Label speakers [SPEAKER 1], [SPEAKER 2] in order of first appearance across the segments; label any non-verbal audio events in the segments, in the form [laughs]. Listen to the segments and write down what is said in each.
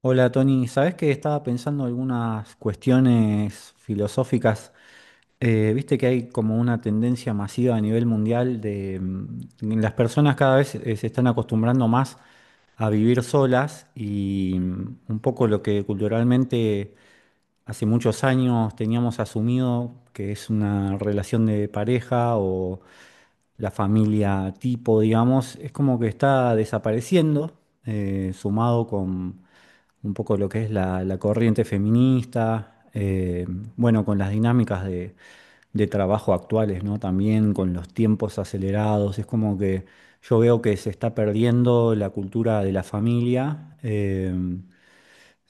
[SPEAKER 1] Hola Tony, ¿sabés que estaba pensando algunas cuestiones filosóficas? Viste que hay como una tendencia masiva a nivel mundial de las personas cada vez se están acostumbrando más a vivir solas y un poco lo que culturalmente hace muchos años teníamos asumido que es una relación de pareja o la familia tipo, digamos, es como que está desapareciendo, sumado con un poco lo que es la corriente feminista, bueno, con las dinámicas de trabajo actuales, ¿no? También con los tiempos acelerados, es como que yo veo que se está perdiendo la cultura de la familia.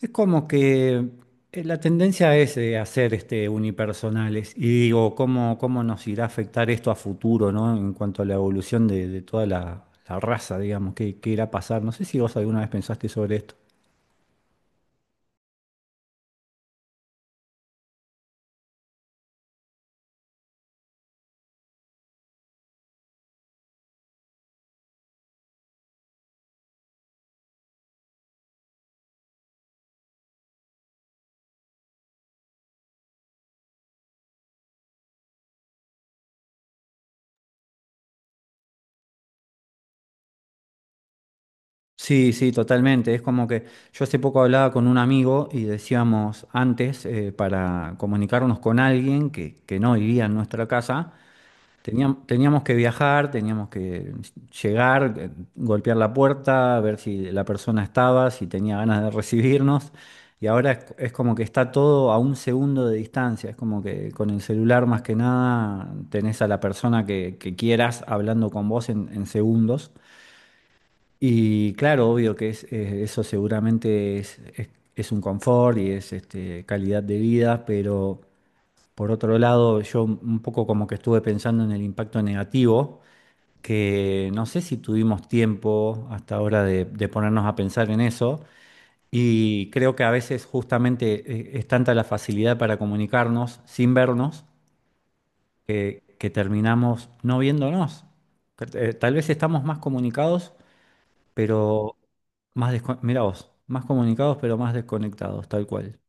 [SPEAKER 1] Es como que la tendencia es hacer este, unipersonales. Y digo, ¿cómo nos irá a afectar esto a futuro, no? En cuanto a la evolución de toda la raza, digamos, ¿qué irá a pasar? No sé si vos alguna vez pensaste sobre esto. Sí, sí, totalmente. Es como que yo hace poco hablaba con un amigo y decíamos antes, para comunicarnos con alguien que no vivía en nuestra casa, teníamos que viajar, teníamos que llegar, golpear la puerta, ver si la persona estaba, si tenía ganas de recibirnos. Y ahora es como que está todo a un segundo de distancia. Es como que con el celular más que nada tenés a la persona que quieras hablando con vos en segundos. Y claro, obvio que eso seguramente es un confort y es este, calidad de vida, pero por otro lado, yo un poco como que estuve pensando en el impacto negativo, que no sé si tuvimos tiempo hasta ahora de ponernos a pensar en eso, y creo que a veces justamente es tanta la facilidad para comunicarnos sin vernos que terminamos no viéndonos. Que, tal vez estamos más comunicados, pero mirá vos, más comunicados, pero más desconectados, tal cual.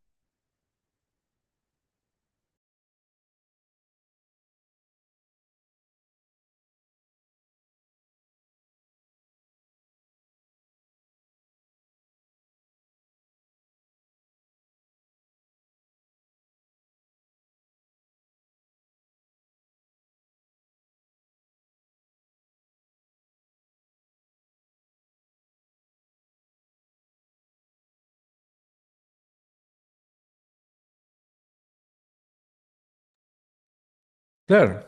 [SPEAKER 1] Claro,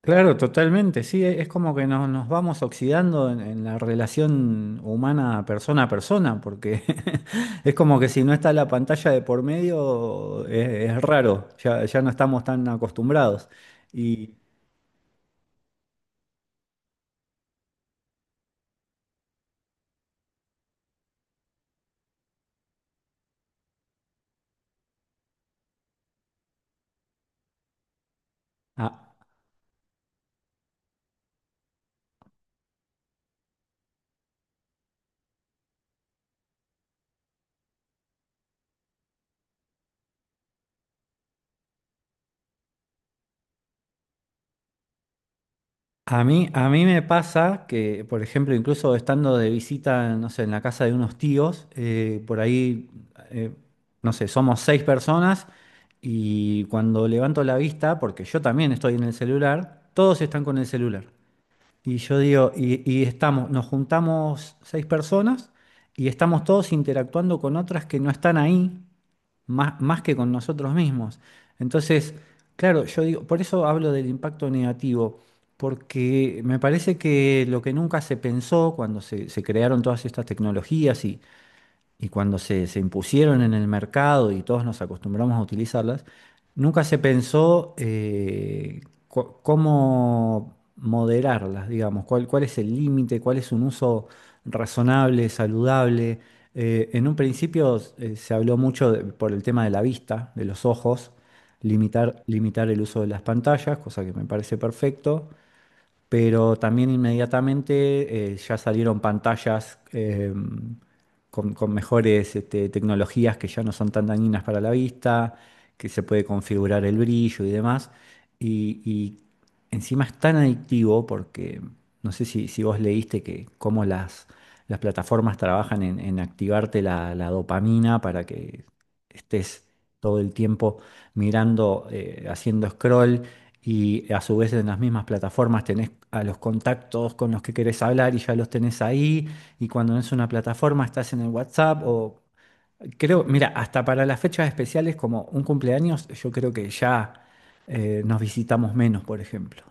[SPEAKER 1] claro, totalmente. Sí, es como que nos vamos oxidando en la relación humana persona a persona, porque [laughs] es como que si no está la pantalla de por medio, es raro, ya, ya no estamos tan acostumbrados. Y a- a mí, me pasa que, por ejemplo, incluso estando de visita, no sé, en la casa de unos tíos, por ahí, eh, no sé, somos seis personas, y cuando levanto la vista, porque yo también estoy en el celular, todos están con el celular. Y yo digo, y estamos, nos juntamos seis personas y estamos todos interactuando con otras que no están ahí más que con nosotros mismos. Entonces, claro, yo digo, por eso hablo del impacto negativo, porque me parece que lo que nunca se pensó cuando se crearon todas estas tecnologías y cuando se impusieron en el mercado y todos nos acostumbramos a utilizarlas, nunca se pensó cómo moderarlas, digamos, cuál es el límite, cuál es un uso razonable, saludable. En un principio se habló mucho por el tema de la vista, de los ojos, limitar el uso de las pantallas, cosa que me parece perfecto, pero también inmediatamente ya salieron pantallas con mejores este, tecnologías que ya no son tan dañinas para la vista, que se puede configurar el brillo y demás. Y encima es tan adictivo, porque no sé si vos leíste que cómo las plataformas trabajan en activarte la dopamina para que estés todo el tiempo mirando, haciendo scroll, y a su vez en las mismas plataformas tenés a los contactos con los que, querés hablar y ya los tenés ahí. Y cuando no es una plataforma estás en el WhatsApp. O creo, mira, hasta para las fechas especiales como un cumpleaños, yo creo que ya nos visitamos menos, por ejemplo.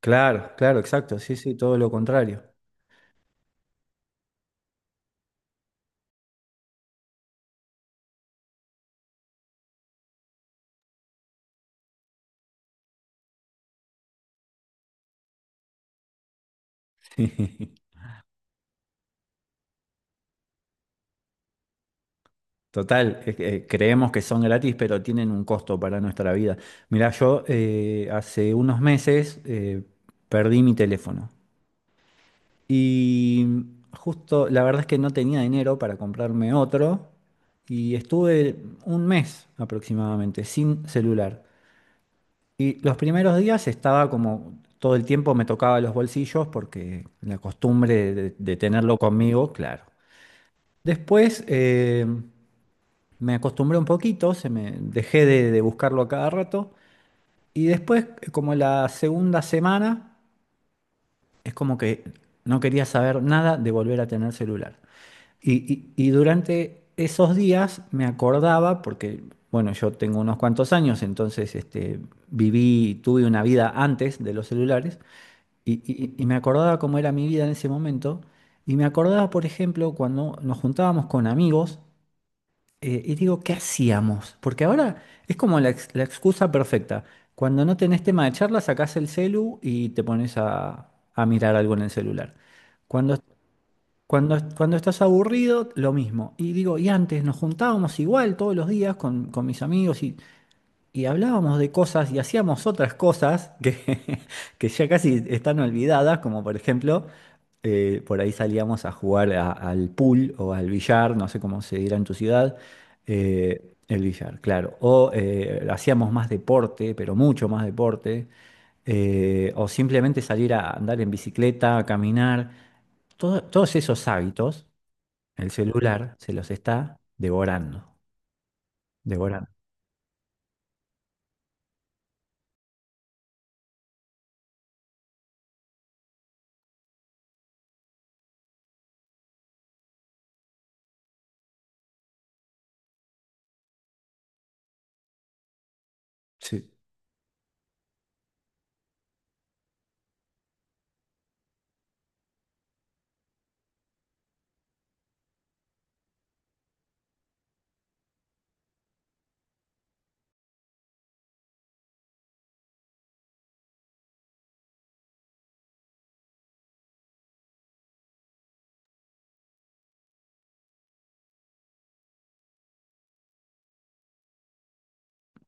[SPEAKER 1] Claro, claro, exacto. Sí, sí, todo lo contrario. [laughs] Total, creemos que son gratis, pero tienen un costo para nuestra vida. Mira, yo hace unos meses perdí mi teléfono. Y justo, la verdad es que no tenía dinero para comprarme otro y estuve un mes aproximadamente sin celular. Y los primeros días estaba como todo el tiempo me tocaba los bolsillos porque la costumbre de tenerlo conmigo, claro. Después me acostumbré un poquito, se me dejé de buscarlo a cada rato, y después, como la segunda semana, es como que no quería saber nada de volver a tener celular. Y durante esos días me acordaba, porque, bueno, yo tengo unos cuantos años, entonces este, viví, tuve una vida antes de los celulares, y me acordaba cómo era mi vida en ese momento, y me acordaba, por ejemplo, cuando nos juntábamos con amigos y digo, ¿qué hacíamos? Porque ahora es como la excusa perfecta. Cuando no tenés tema de charla, sacás el celu y te pones a mirar algo en el celular. Cuando, cuando estás aburrido, lo mismo. Y digo, y antes nos juntábamos igual todos los días con mis amigos y hablábamos de cosas y hacíamos otras cosas que, [laughs] que ya casi están olvidadas, como por ejemplo por ahí salíamos a jugar al pool o al billar, no sé cómo se dirá en tu ciudad, el billar, claro. O hacíamos más deporte, pero mucho más deporte, o simplemente salir a andar en bicicleta, a caminar. Todos esos hábitos, el celular se los está devorando, devorando. Sí,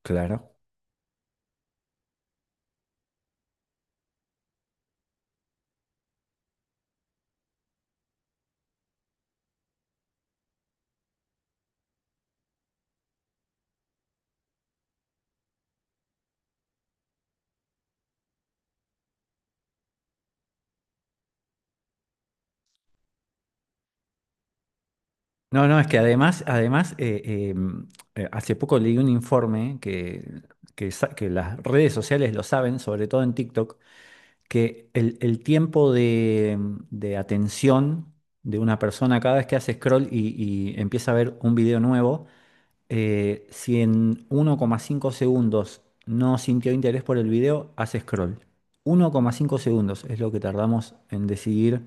[SPEAKER 1] claro. No, no, es que además, además hace poco leí un informe que las redes sociales lo saben, sobre todo en TikTok, que el tiempo de atención de una persona cada vez que hace scroll y empieza a ver un video nuevo, si en 1,5 segundos no sintió interés por el video, hace scroll. 1,5 segundos es lo que tardamos en decidir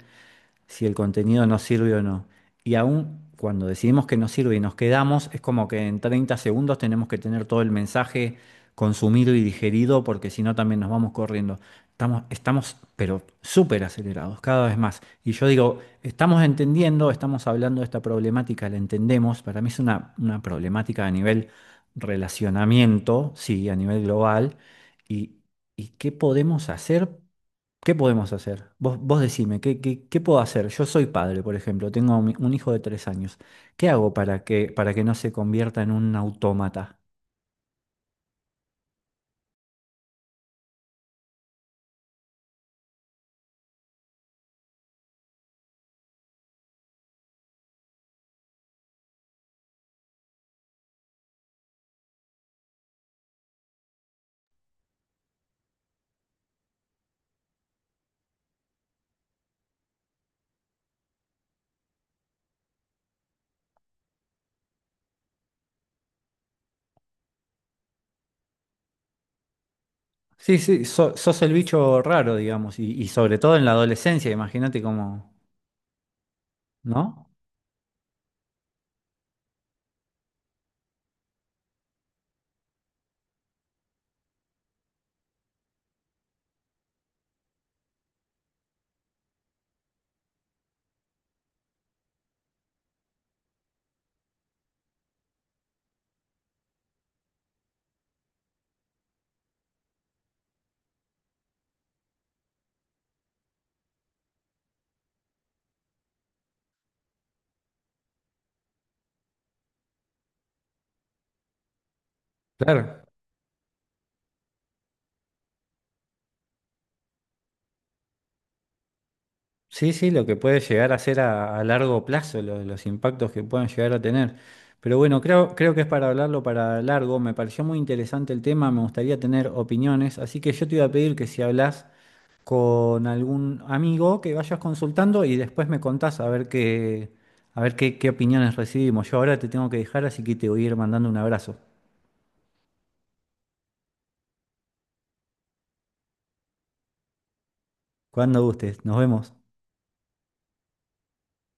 [SPEAKER 1] si el contenido nos sirve o no. Y aún cuando decidimos que nos sirve y nos quedamos, es como que en 30 segundos tenemos que tener todo el mensaje consumido y digerido, porque si no también nos vamos corriendo. Estamos, pero súper acelerados, cada vez más. Y yo digo, estamos entendiendo, estamos hablando de esta problemática, la entendemos. Para mí es una problemática a nivel relacionamiento, sí, a nivel global. Y, ¿Y qué podemos hacer? ¿Qué podemos hacer? Vos decime, ¿qué puedo hacer? Yo soy padre, por ejemplo, tengo un hijo de 3 años. ¿Qué hago para que, no se convierta en un autómata? Sí, sí, sos el bicho raro, digamos, y sobre todo en la adolescencia, imagínate cómo, ¿no? Claro. Sí, sí, lo que puede llegar a ser a largo plazo, los impactos que puedan llegar a tener. Pero bueno, creo que es para hablarlo para largo. Me pareció muy interesante el tema, me gustaría tener opiniones, así que yo te iba a pedir que si hablas con algún amigo que vayas consultando y después me contás a ver qué, a ver qué opiniones recibimos. Yo ahora te tengo que dejar, así que te voy a ir mandando un abrazo. Cuando gustes, nos vemos.